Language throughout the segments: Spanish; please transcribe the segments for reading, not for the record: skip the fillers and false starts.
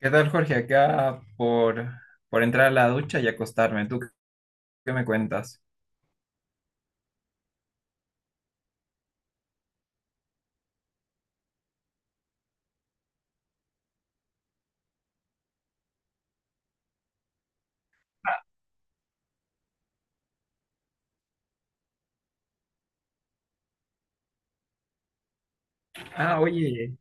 ¿Qué tal, Jorge? Acá por entrar a la ducha y acostarme. ¿Tú qué me cuentas? Ah, oye,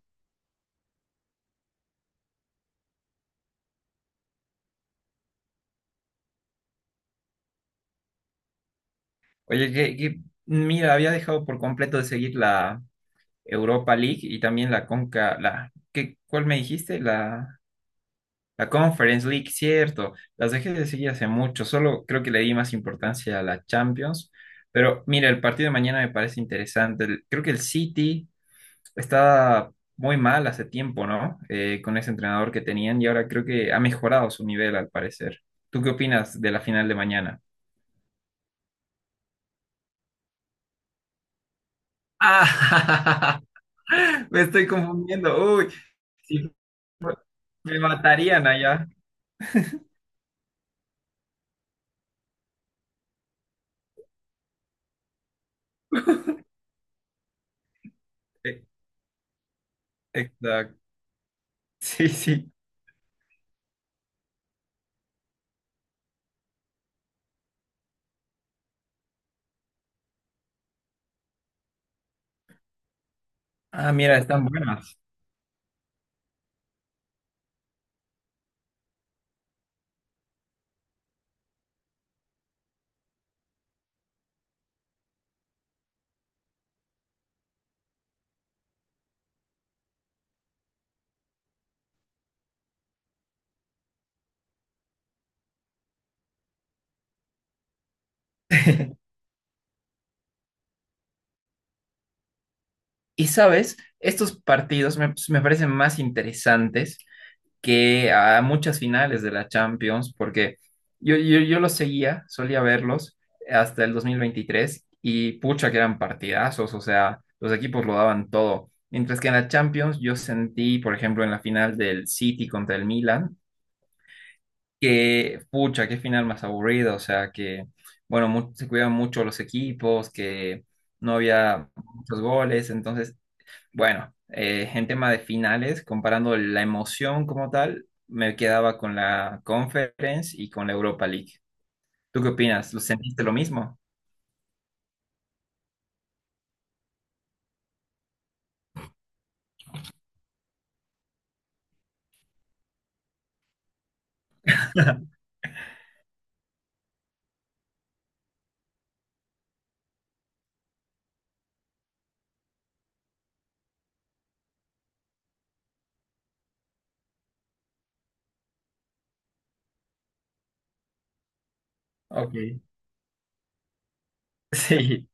oye, que, que- mira, había dejado por completo de seguir la Europa League y también la Conca, la, ¿qué, cuál me dijiste? La, la Conference League, cierto. Las dejé de seguir hace mucho, solo creo que le di más importancia a la Champions. Pero mira, el partido de mañana me parece interesante. Creo que el City está muy mal hace tiempo, ¿no? Con ese entrenador que tenían y ahora creo que ha mejorado su nivel al parecer. ¿Tú qué opinas de la final de mañana? Ah, me estoy confundiendo. Uy, sí, me matarían allá. E- Exacto. Sí, sí. Ah, mira, están buenas. Y sabes, estos partidos me parecen más interesantes que a muchas finales de la Champions, porque yo los seguía, solía verlos hasta el 2023 y pucha que eran partidazos, o sea, los equipos lo daban todo. Mientras que en la Champions yo sentí, por ejemplo, en la final del City contra el Milan, que pucha, qué final más aburrido, o sea, que bueno, se cuidaban mucho los equipos, que no había muchos goles, entonces bueno, en tema de finales, comparando la emoción como tal, me quedaba con la Conference y con la Europa League. ¿Tú qué opinas? ¿Lo sentiste lo mismo? Ok, sí.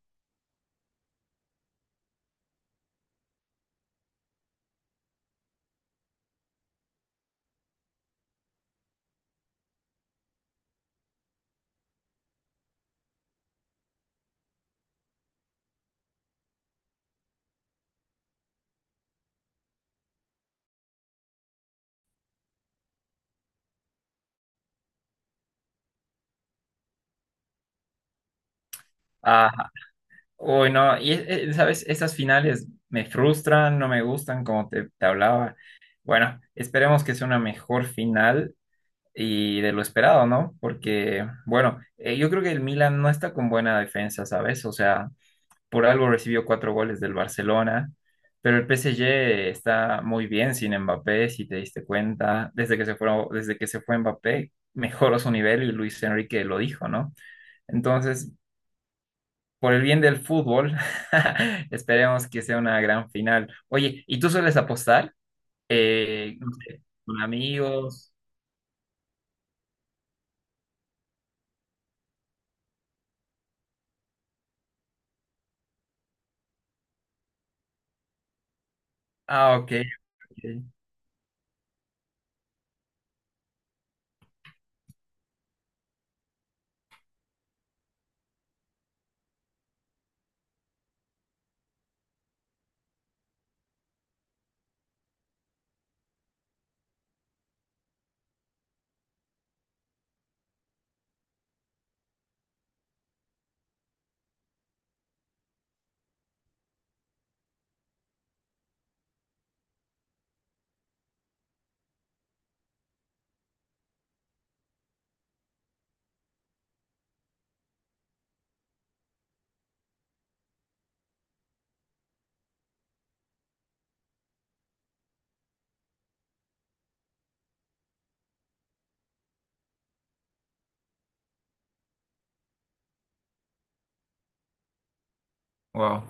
Ajá. Uy, no, y sabes, estas finales me frustran, no me gustan, como te hablaba. Bueno, esperemos que sea una mejor final y de lo esperado, ¿no? Porque, bueno, yo creo que el Milan no está con buena defensa, ¿sabes? O sea, por algo recibió cuatro goles del Barcelona, pero el PSG está muy bien sin Mbappé, si te diste cuenta, desde que se fue, desde que se fue Mbappé, mejoró su nivel y Luis Enrique lo dijo, ¿no? Entonces, por el bien del fútbol, esperemos que sea una gran final. Oye, ¿y tú sueles apostar? No sé, con amigos. Ah, ok, ok. Wow.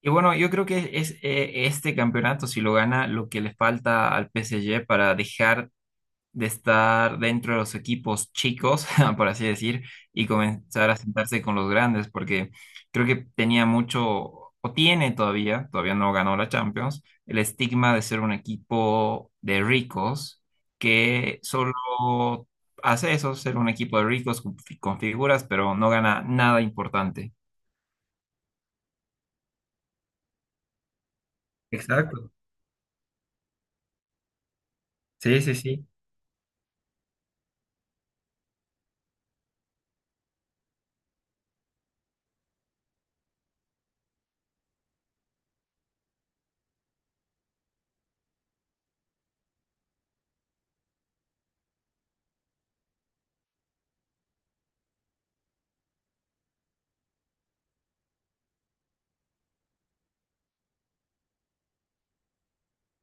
Y bueno, yo creo que es este campeonato, si lo gana, lo que le falta al PSG para dejar de estar dentro de los equipos chicos, por así decir, y comenzar a sentarse con los grandes, porque creo que tenía mucho, o tiene todavía, todavía no ganó la Champions, el estigma de ser un equipo de ricos que solo hace eso, ser un equipo de ricos con, con figuras, pero no gana nada importante. Exacto. Sí, sí, sí. Bueno,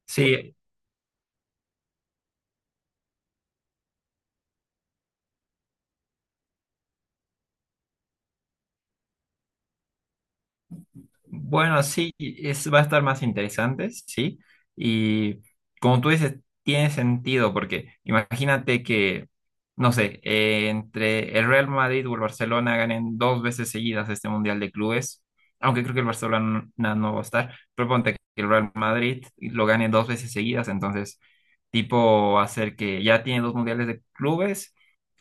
sí, bueno, sí, es, va a estar más interesante, sí. Y como tú dices, tiene sentido, porque imagínate que, no sé, entre el Real Madrid o el Barcelona ganen dos veces seguidas este Mundial de Clubes, aunque creo que el Barcelona no va a estar, pero ponte que el Real Madrid lo gane dos veces seguidas, entonces, tipo, hacer que ya tiene dos Mundiales de Clubes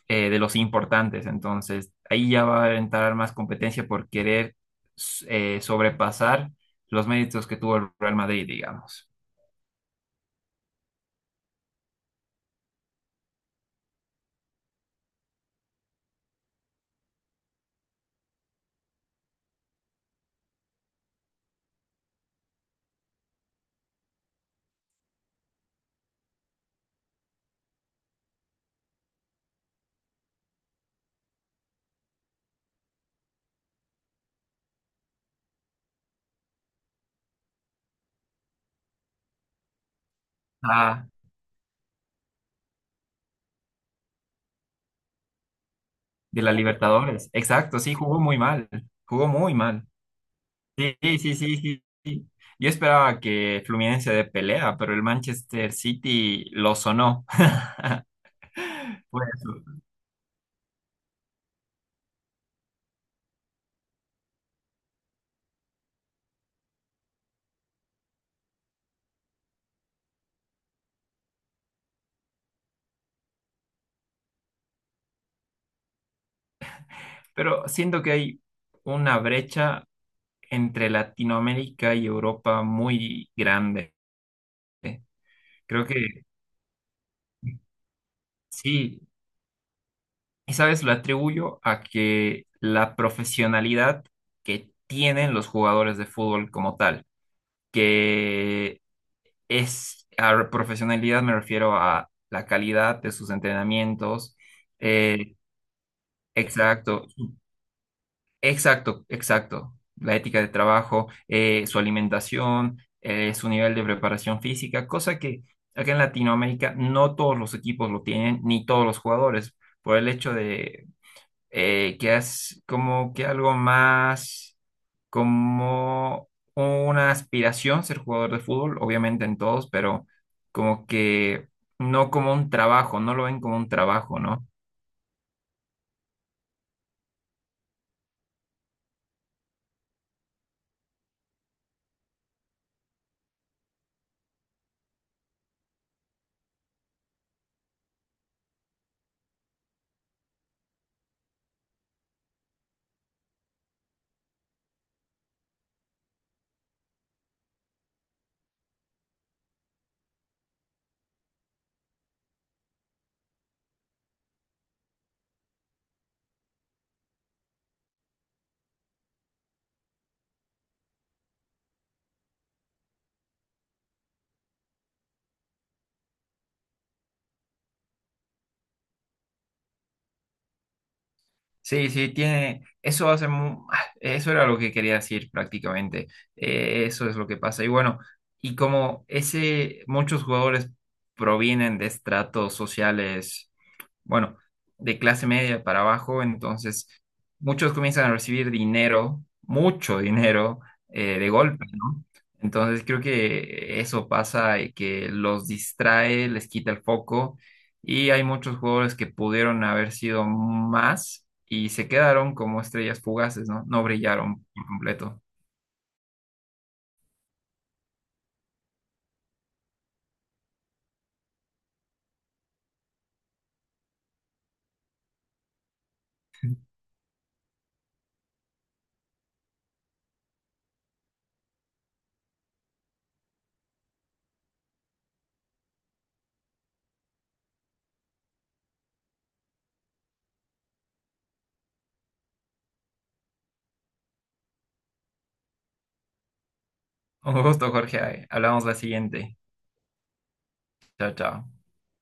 de los importantes. Entonces, ahí ya va a entrar más competencia por querer sobrepasar los méritos que tuvo el Real Madrid, digamos. Ah, de la Libertadores. Exacto, sí, jugó muy mal. Jugó muy mal. Sí, sí, sí, sí, sí, sí. Yo esperaba que Fluminense de pelea, pero el Manchester City lo sonó. Fue eso. Pero siento que hay una brecha entre Latinoamérica y Europa muy grande. Creo que sí, esa vez lo atribuyo a que la profesionalidad que tienen los jugadores de fútbol como tal, que es, a profesionalidad me refiero a la calidad de sus entrenamientos, eh, exacto, exacto, la ética de trabajo, su alimentación, su nivel de preparación física, cosa que acá en Latinoamérica no todos los equipos lo tienen, ni todos los jugadores por el hecho de que es como que algo más como una aspiración ser jugador de fútbol, obviamente en todos, pero como que no como un trabajo, no lo ven como un trabajo, ¿no? Sí, sí, tiene, eso hace eso era lo que quería decir prácticamente. Eso es lo que pasa. Y bueno, y como ese, muchos jugadores provienen de estratos sociales, bueno, de clase media para abajo, entonces muchos comienzan a recibir dinero, mucho dinero, de golpe, ¿no? Entonces creo que eso pasa y que los distrae, les quita el foco y hay muchos jugadores que pudieron haber sido más y se quedaron como estrellas fugaces, ¿no? No brillaron por completo. Un gusto, Jorge. Hablamos la siguiente. Chao, chao.